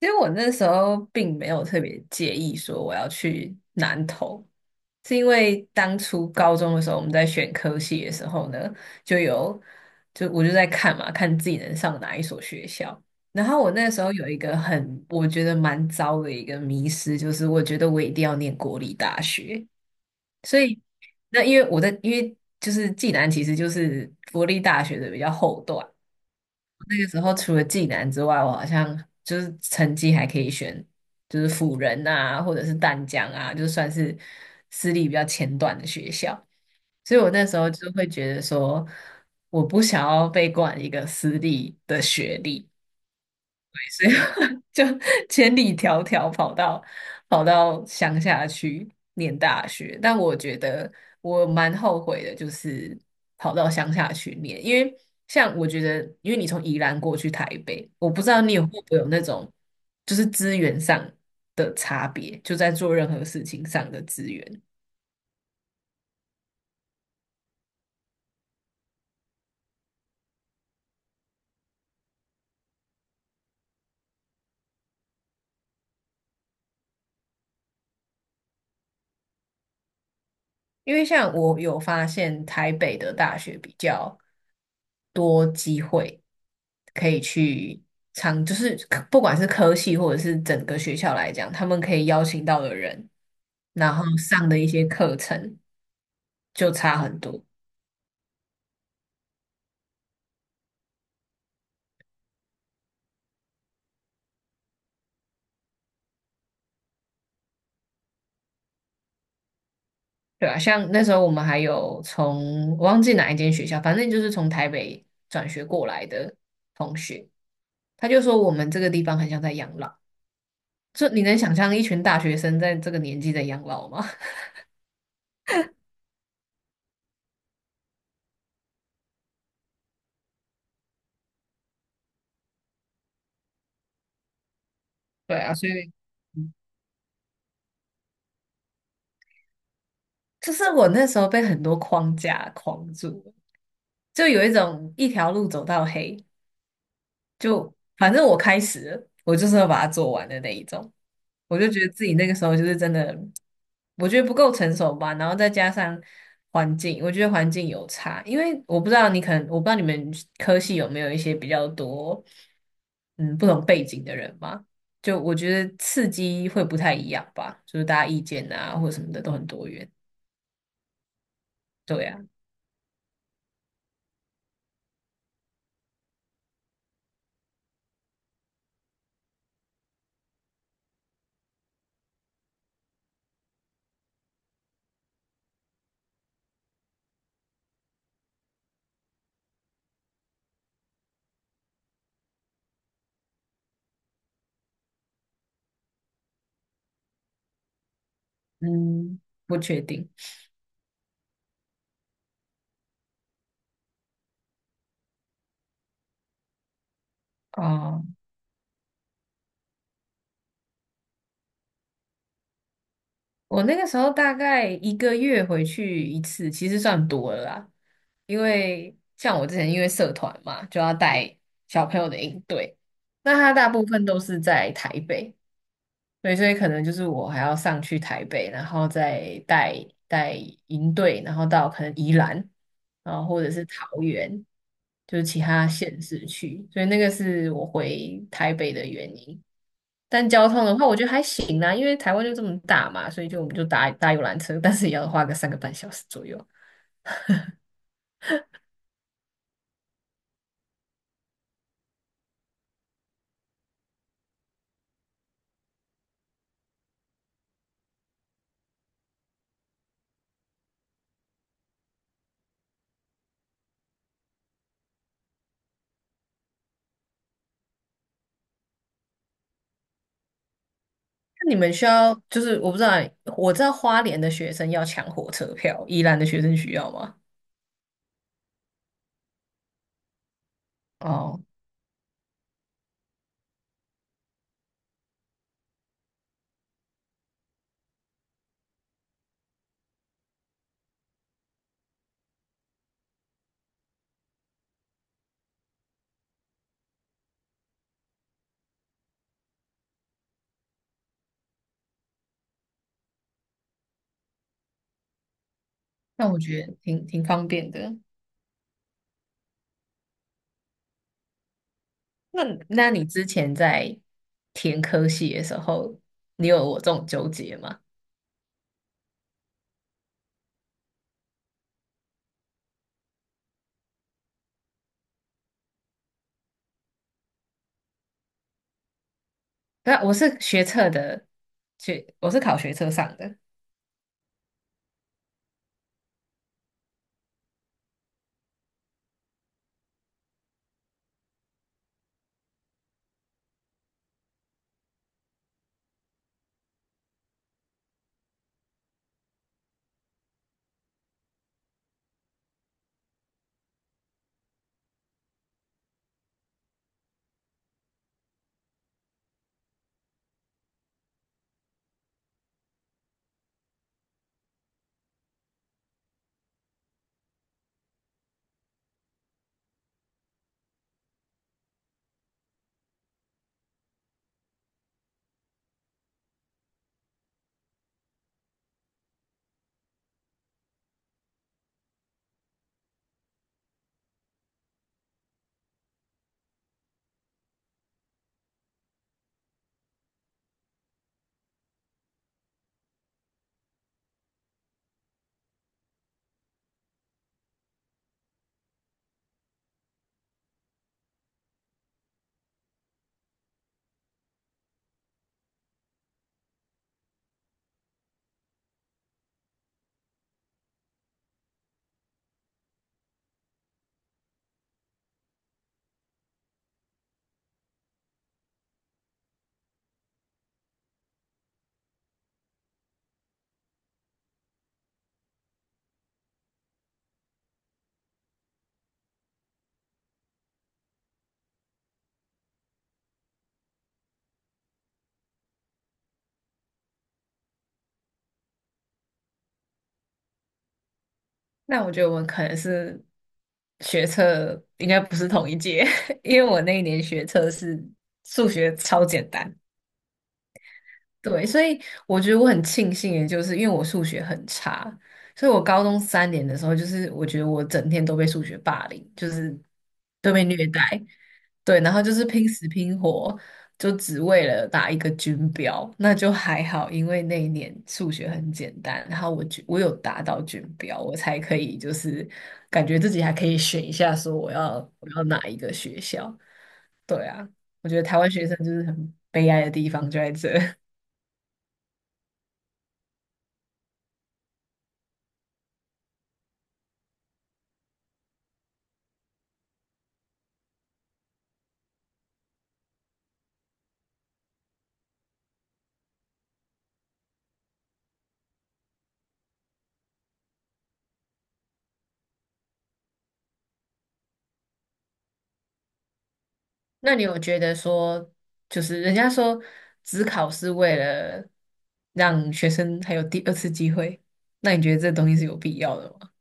其实我那时候并没有特别介意说我要去南投，是因为当初高中的时候我们在选科系的时候呢，就有就我就在看嘛，看自己能上哪一所学校。然后我那时候有一个很我觉得蛮糟的一个迷失，就是我觉得我一定要念国立大学，所以那因为我在因为就是暨南其实就是国立大学的比较后段。那个时候除了济南之外，我好像就是成绩还可以选，就是辅仁啊，或者是淡江啊，就算是私立比较前段的学校。所以我那时候就会觉得说，我不想要被冠一个私立的学历，所以。就 千里迢迢跑到乡下去念大学，但我觉得我蛮后悔的，就是跑到乡下去念，因为像我觉得，因为你从宜兰过去台北，我不知道你有会不会有那种就是资源上的差别，就在做任何事情上的资源，因为像我有发现台北的大学比较。多机会可以去尝，就是不管是科系或者是整个学校来讲，他们可以邀请到的人，然后上的一些课程就差很多，对啊，像那时候我们还有从我忘记哪一间学校，反正就是从台北转学过来的同学，他就说我们这个地方很像在养老，就你能想象一群大学生在这个年纪在养老吗？对啊，所以。就是我那时候被很多框架框住了，就有一种一条路走到黑，就反正我开始了我就是要把它做完的那一种。我就觉得自己那个时候就是真的，我觉得不够成熟吧，然后再加上环境，我觉得环境有差，因为我不知道你可能，我不知道你们科系有没有一些比较多，嗯，不同背景的人嘛，就我觉得刺激会不太一样吧，就是大家意见啊或什么的都很多元，对啊。嗯，不确定哦。我那个时候大概一个月回去一次，其实算多了啦。因为像我之前因为社团嘛，就要带小朋友的营队，那他大部分都是在台北，对，所以可能就是我还要上去台北，然后再带营队，然后到可能宜兰，然后或者是桃园，就是其他县市去，所以那个是我回台北的原因。但交通的话，我觉得还行啦，因为台湾就这么大嘛，所以就我们就搭搭游览车，但是也要花个3个半小时左右。那你们需要，就是我不知道，我知道花莲的学生要抢火车票，宜兰的学生需要吗？哦，那我觉得挺方便的。那那你之前在填科系的时候，你有我这种纠结吗？那我是学测的，我是考学测上的，那我觉得我们可能是学测应该不是同一届，因为我那一年学测是数学超简单，对，所以我觉得我很庆幸的就是，因为我数学很差，所以我高中3年的时候，就是我觉得我整天都被数学霸凌，就是都被虐待，对，然后就是拼死拼活，就只为了打一个军标，那就还好，因为那一年数学很简单，然后我就我有达到军标，我才可以就是感觉自己还可以选一下，说我要哪一个学校。对啊，我觉得台湾学生就是很悲哀的地方就在这。那你有觉得说，就是人家说只考是为了让学生还有第二次机会，那你觉得这东西是有必要的吗？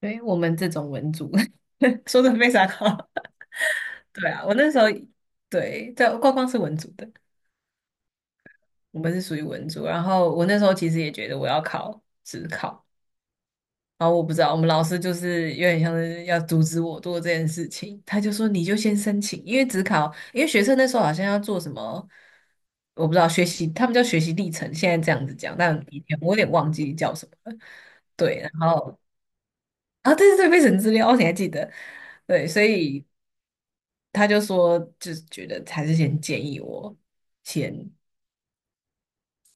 对，我们这种文组 说的非常好。对啊，我那时候对，在光光是文组的，我们是属于文组。然后我那时候其实也觉得我要考职考，然后我不知道我们老师就是有点像是要阻止我做这件事情，他就说你就先申请，因为职考，因为学生那时候好像要做什么，我不知道学习，他们叫学习历程，现在这样子讲，但以前我有点忘记叫什么了。对，然后啊，对对对，备审资料，你还记得？对，所以。他就说，就是觉得还是先建议我先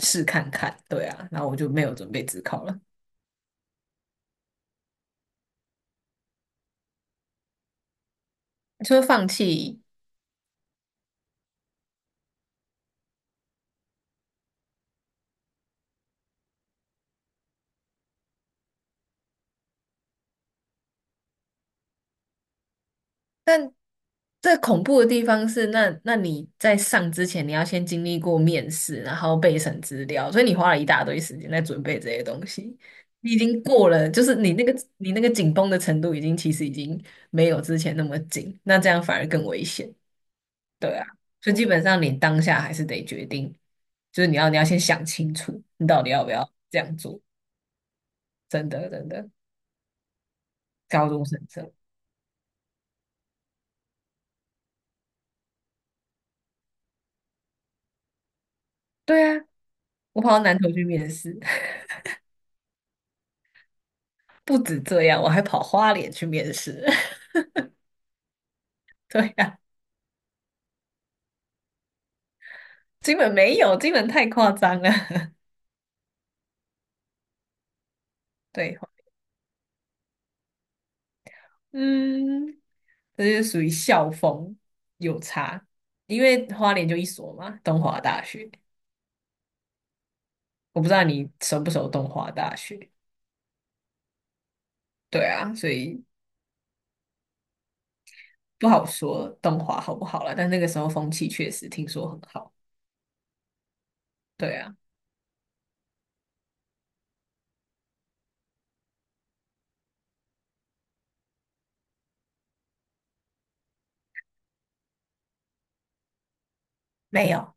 试看看，对啊，然后我就没有准备自考了，就放弃。但这恐怖的地方是，那你在上之前，你要先经历过面试，然后备审资料，所以你花了一大堆时间在准备这些东西。你已经过了，就是你那个你那个紧绷的程度，已经其实已经没有之前那么紧，那这样反而更危险。对啊，所以基本上你当下还是得决定，就是你要先想清楚，你到底要不要这样做。真的真的，高中生这样。对啊，我跑到南投去面试，不止这样，我还跑花莲去面试。对啊，金门没有，金门太夸张了。对，嗯，这就是属于校风有差，因为花莲就一所嘛，东华大学。我不知道你熟不熟东华大学。对啊，所以不好说东华好不好了，但那个时候风气确实听说很好。对啊，没有，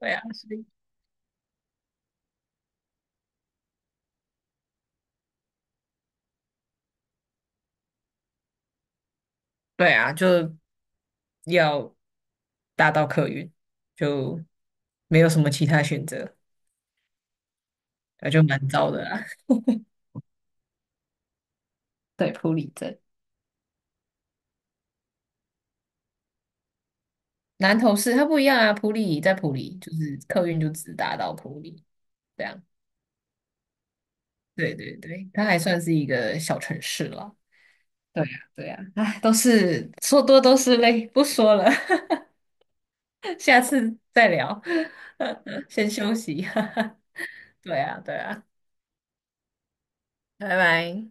对啊，所以对啊，就要搭到客运，就没有什么其他选择，那就蛮糟的啦。对，普里镇，南投市它不一样啊，普里在普里就是客运就只搭到普里，这样。对对对，它还算是一个小城市了。对呀，对呀，哎，都是说多都是泪，不说了。下次再聊，先休息。对啊，对啊，拜拜。